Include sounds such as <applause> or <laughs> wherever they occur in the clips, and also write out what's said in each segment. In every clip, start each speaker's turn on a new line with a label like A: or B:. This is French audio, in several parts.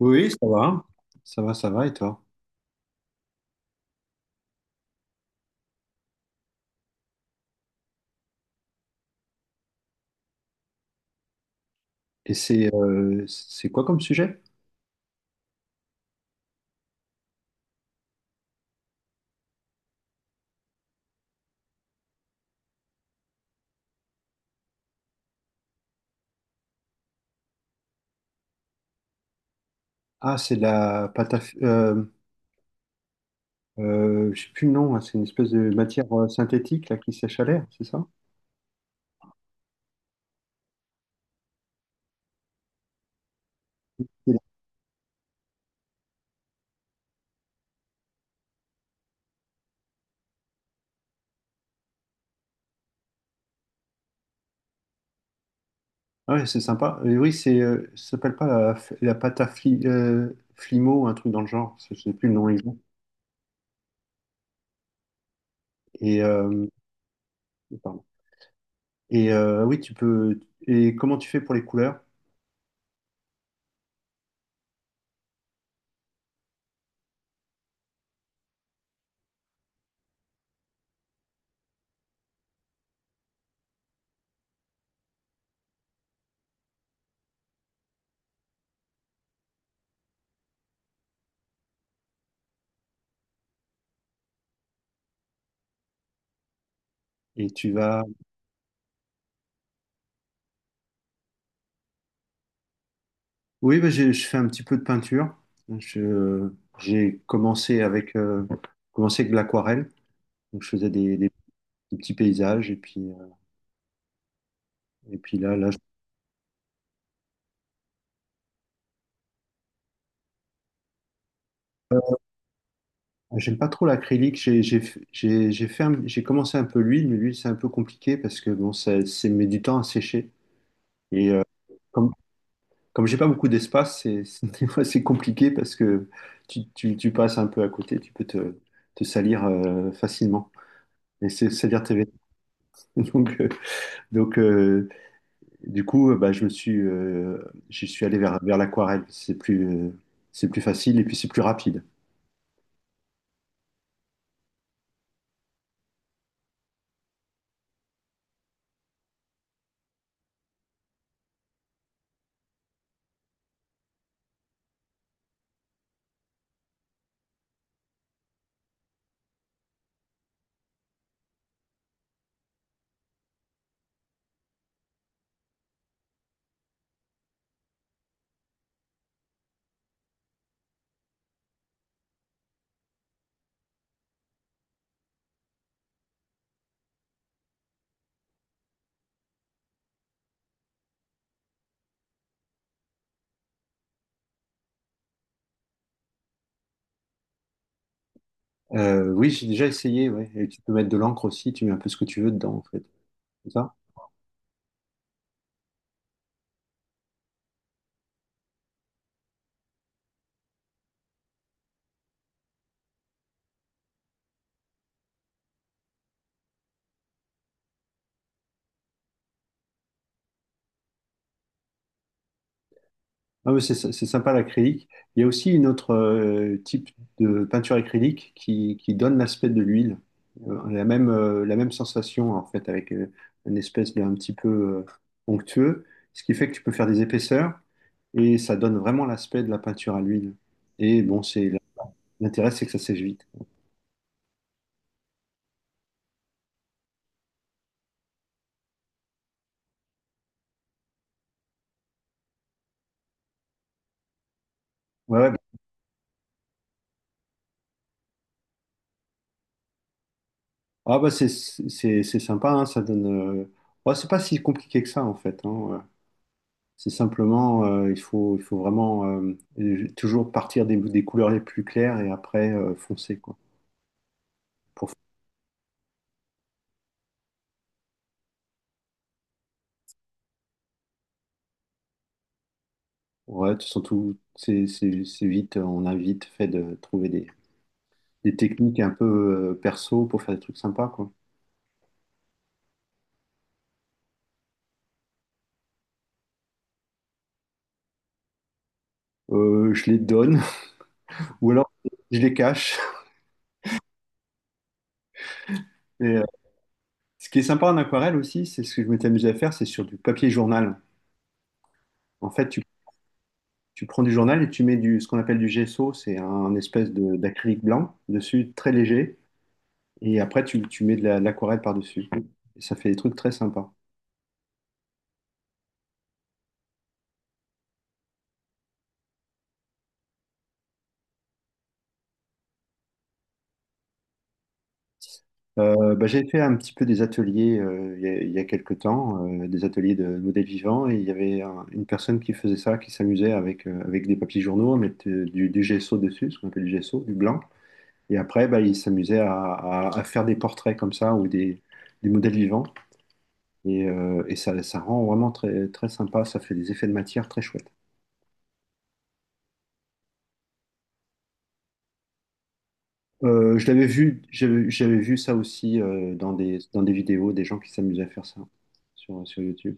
A: Oui, oui, ça va. Ça va, ça va, et toi? Et c'est quoi comme sujet? Ah, c'est de la pâte à... je sais plus le nom, hein, c'est une espèce de matière synthétique là, qui sèche à l'air, c'est ça? Ah ouais, c'est sympa. Et oui, c'est ça s'appelle pas la, la pâte à flimo, un truc dans le genre, je sais plus le nom exact. Et, euh, pardon. Et oui, tu peux... Et comment tu fais pour les couleurs? Et tu vas... Oui, bah, je fais un petit peu de peinture. Je- j'ai commencé avec de l'aquarelle. Donc, je faisais des, des petits paysages. Et puis là, j'aime pas trop l'acrylique. J'ai j'ai fait j'ai commencé un peu l'huile, mais l'huile, c'est un peu compliqué parce que bon, ça met du temps à sécher. Et comme, comme j'ai pas beaucoup d'espace, <laughs> des fois, c'est compliqué parce que tu, tu passes un peu à côté, tu peux te, te salir facilement. Et c'est-à-dire tes vêtements. <laughs> Donc, euh, donc, euh, bah, je me suis, j'y suis allé vers, vers l'aquarelle. C'est plus facile et puis c'est plus rapide. Oui, j'ai déjà essayé, ouais. Et tu peux mettre de l'encre aussi, tu mets un peu ce que tu veux dedans, en fait. C'est ça? Ah, mais c'est sympa l'acrylique. Il y a aussi une autre type de peinture acrylique qui donne l'aspect de l'huile. La même sensation en fait avec une espèce d'un petit peu onctueux, ce qui fait que tu peux faire des épaisseurs et ça donne vraiment l'aspect de la peinture à l'huile. Et bon, c'est l'intérêt, c'est que ça sèche vite. Ouais, ouais. Ah bah c'est sympa, hein, ça donne. Ouais, c'est pas si compliqué que ça en fait, hein. C'est simplement, il faut vraiment toujours partir des couleurs les plus claires et après foncer, quoi. Pour, ouais, tu sens tout, c'est vite, on a vite fait de trouver des techniques un peu perso pour faire des trucs sympas, quoi. Je les donne <laughs> ou alors je les cache. Et, euh, ce qui est sympa en aquarelle aussi, c'est ce que je m'étais amusé à faire, c'est sur du papier journal. En fait, tu prends du journal et tu mets du, ce qu'on appelle du gesso, c'est un, d'acrylique blanc dessus, très léger. Et après, tu mets de de l'aquarelle par-dessus. Et ça fait des trucs très sympas. Bah, j'ai fait un petit peu des ateliers il y a quelques temps, des ateliers de modèles vivants, et il y avait une personne qui faisait ça, qui s'amusait avec, avec des papiers journaux, à mettre du gesso dessus, ce qu'on appelle du gesso, du blanc. Et après, bah, il s'amusait à, à faire des portraits comme ça ou des modèles vivants. Et ça, ça rend vraiment très, très sympa, ça fait des effets de matière très chouettes. Je l'avais vu, j'avais vu ça aussi dans des vidéos, des gens qui s'amusaient à faire ça sur, sur YouTube.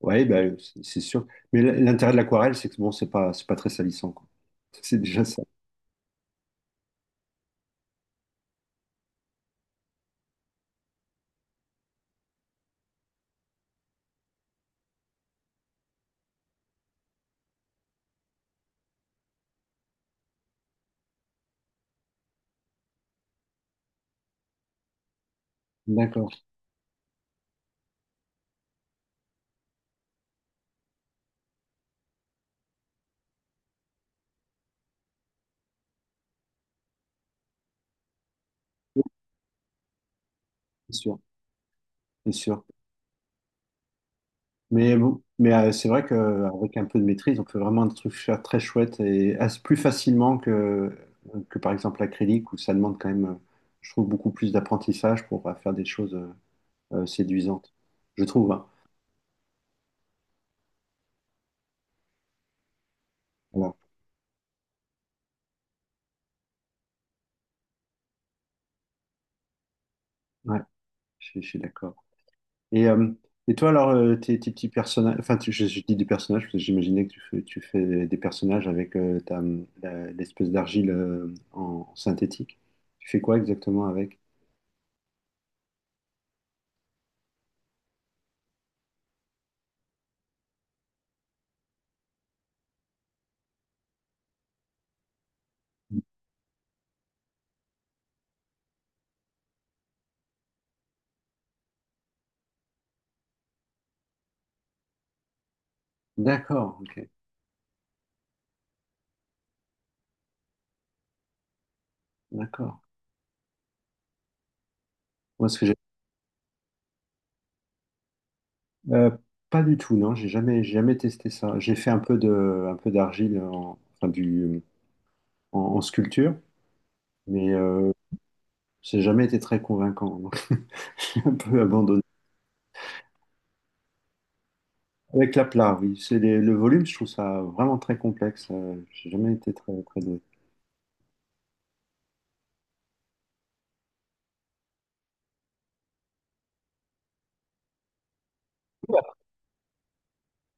A: Ouais, bah, c'est sûr. Mais l'intérêt de l'aquarelle, c'est que bon, c'est pas très salissant, quoi. <laughs> C'est déjà ça. D'accord. Oui, c'est sûr, c'est sûr. Mais bon, mais c'est vrai qu'avec un peu de maîtrise, on peut vraiment des trucs faire très chouettes et plus facilement que par exemple l'acrylique, où ça demande quand même, je trouve, beaucoup plus d'apprentissage pour faire des choses séduisantes. Je trouve, hein. Voilà. Ouais. Je suis d'accord. Et, euh, et toi, alors, tes, tes petits personnages, enfin, je dis des personnages parce que j'imaginais que tu fais des personnages avec l'espèce d'argile en, en synthétique. Tu fais quoi exactement avec? D'accord, ok, d'accord. Moi, ce que j'ai. euh, pas du tout, non, j'ai jamais testé ça. J'ai fait un peu de, un peu d'argile en, enfin, du, en, en sculpture, mais ça n'a jamais été très convaincant. Donc <laughs> j'ai un peu abandonné. Avec la plat, oui. C'est le volume, je trouve ça vraiment très complexe. J'ai jamais été très, très doué.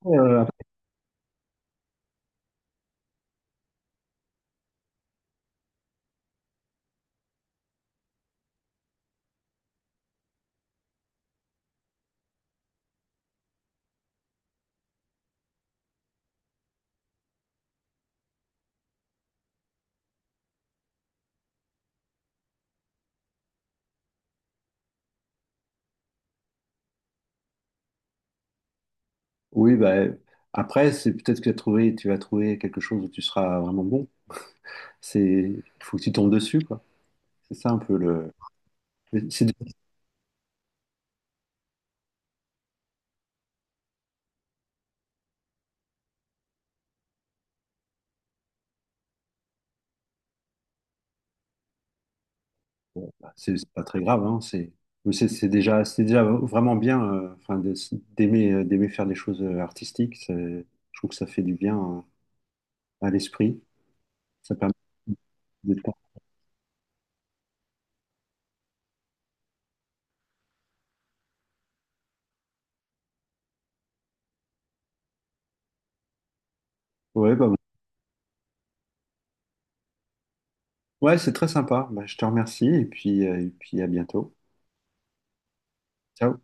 A: Euh, oui, bah, après, c'est peut-être que tu as trouvé, tu vas trouver quelque chose où tu seras vraiment bon. C'est, il faut que tu tombes dessus, quoi. C'est ça un peu le. Mais c'est c'est pas très grave, hein. C'est, mais c'est déjà vraiment bien. Enfin, d'aimer, d'aimer faire des choses artistiques. Je trouve que ça fait du bien à l'esprit. Ça permet de. Ouais, bah, ouais, c'est très sympa. Bah, je te remercie et puis à bientôt. Ciao.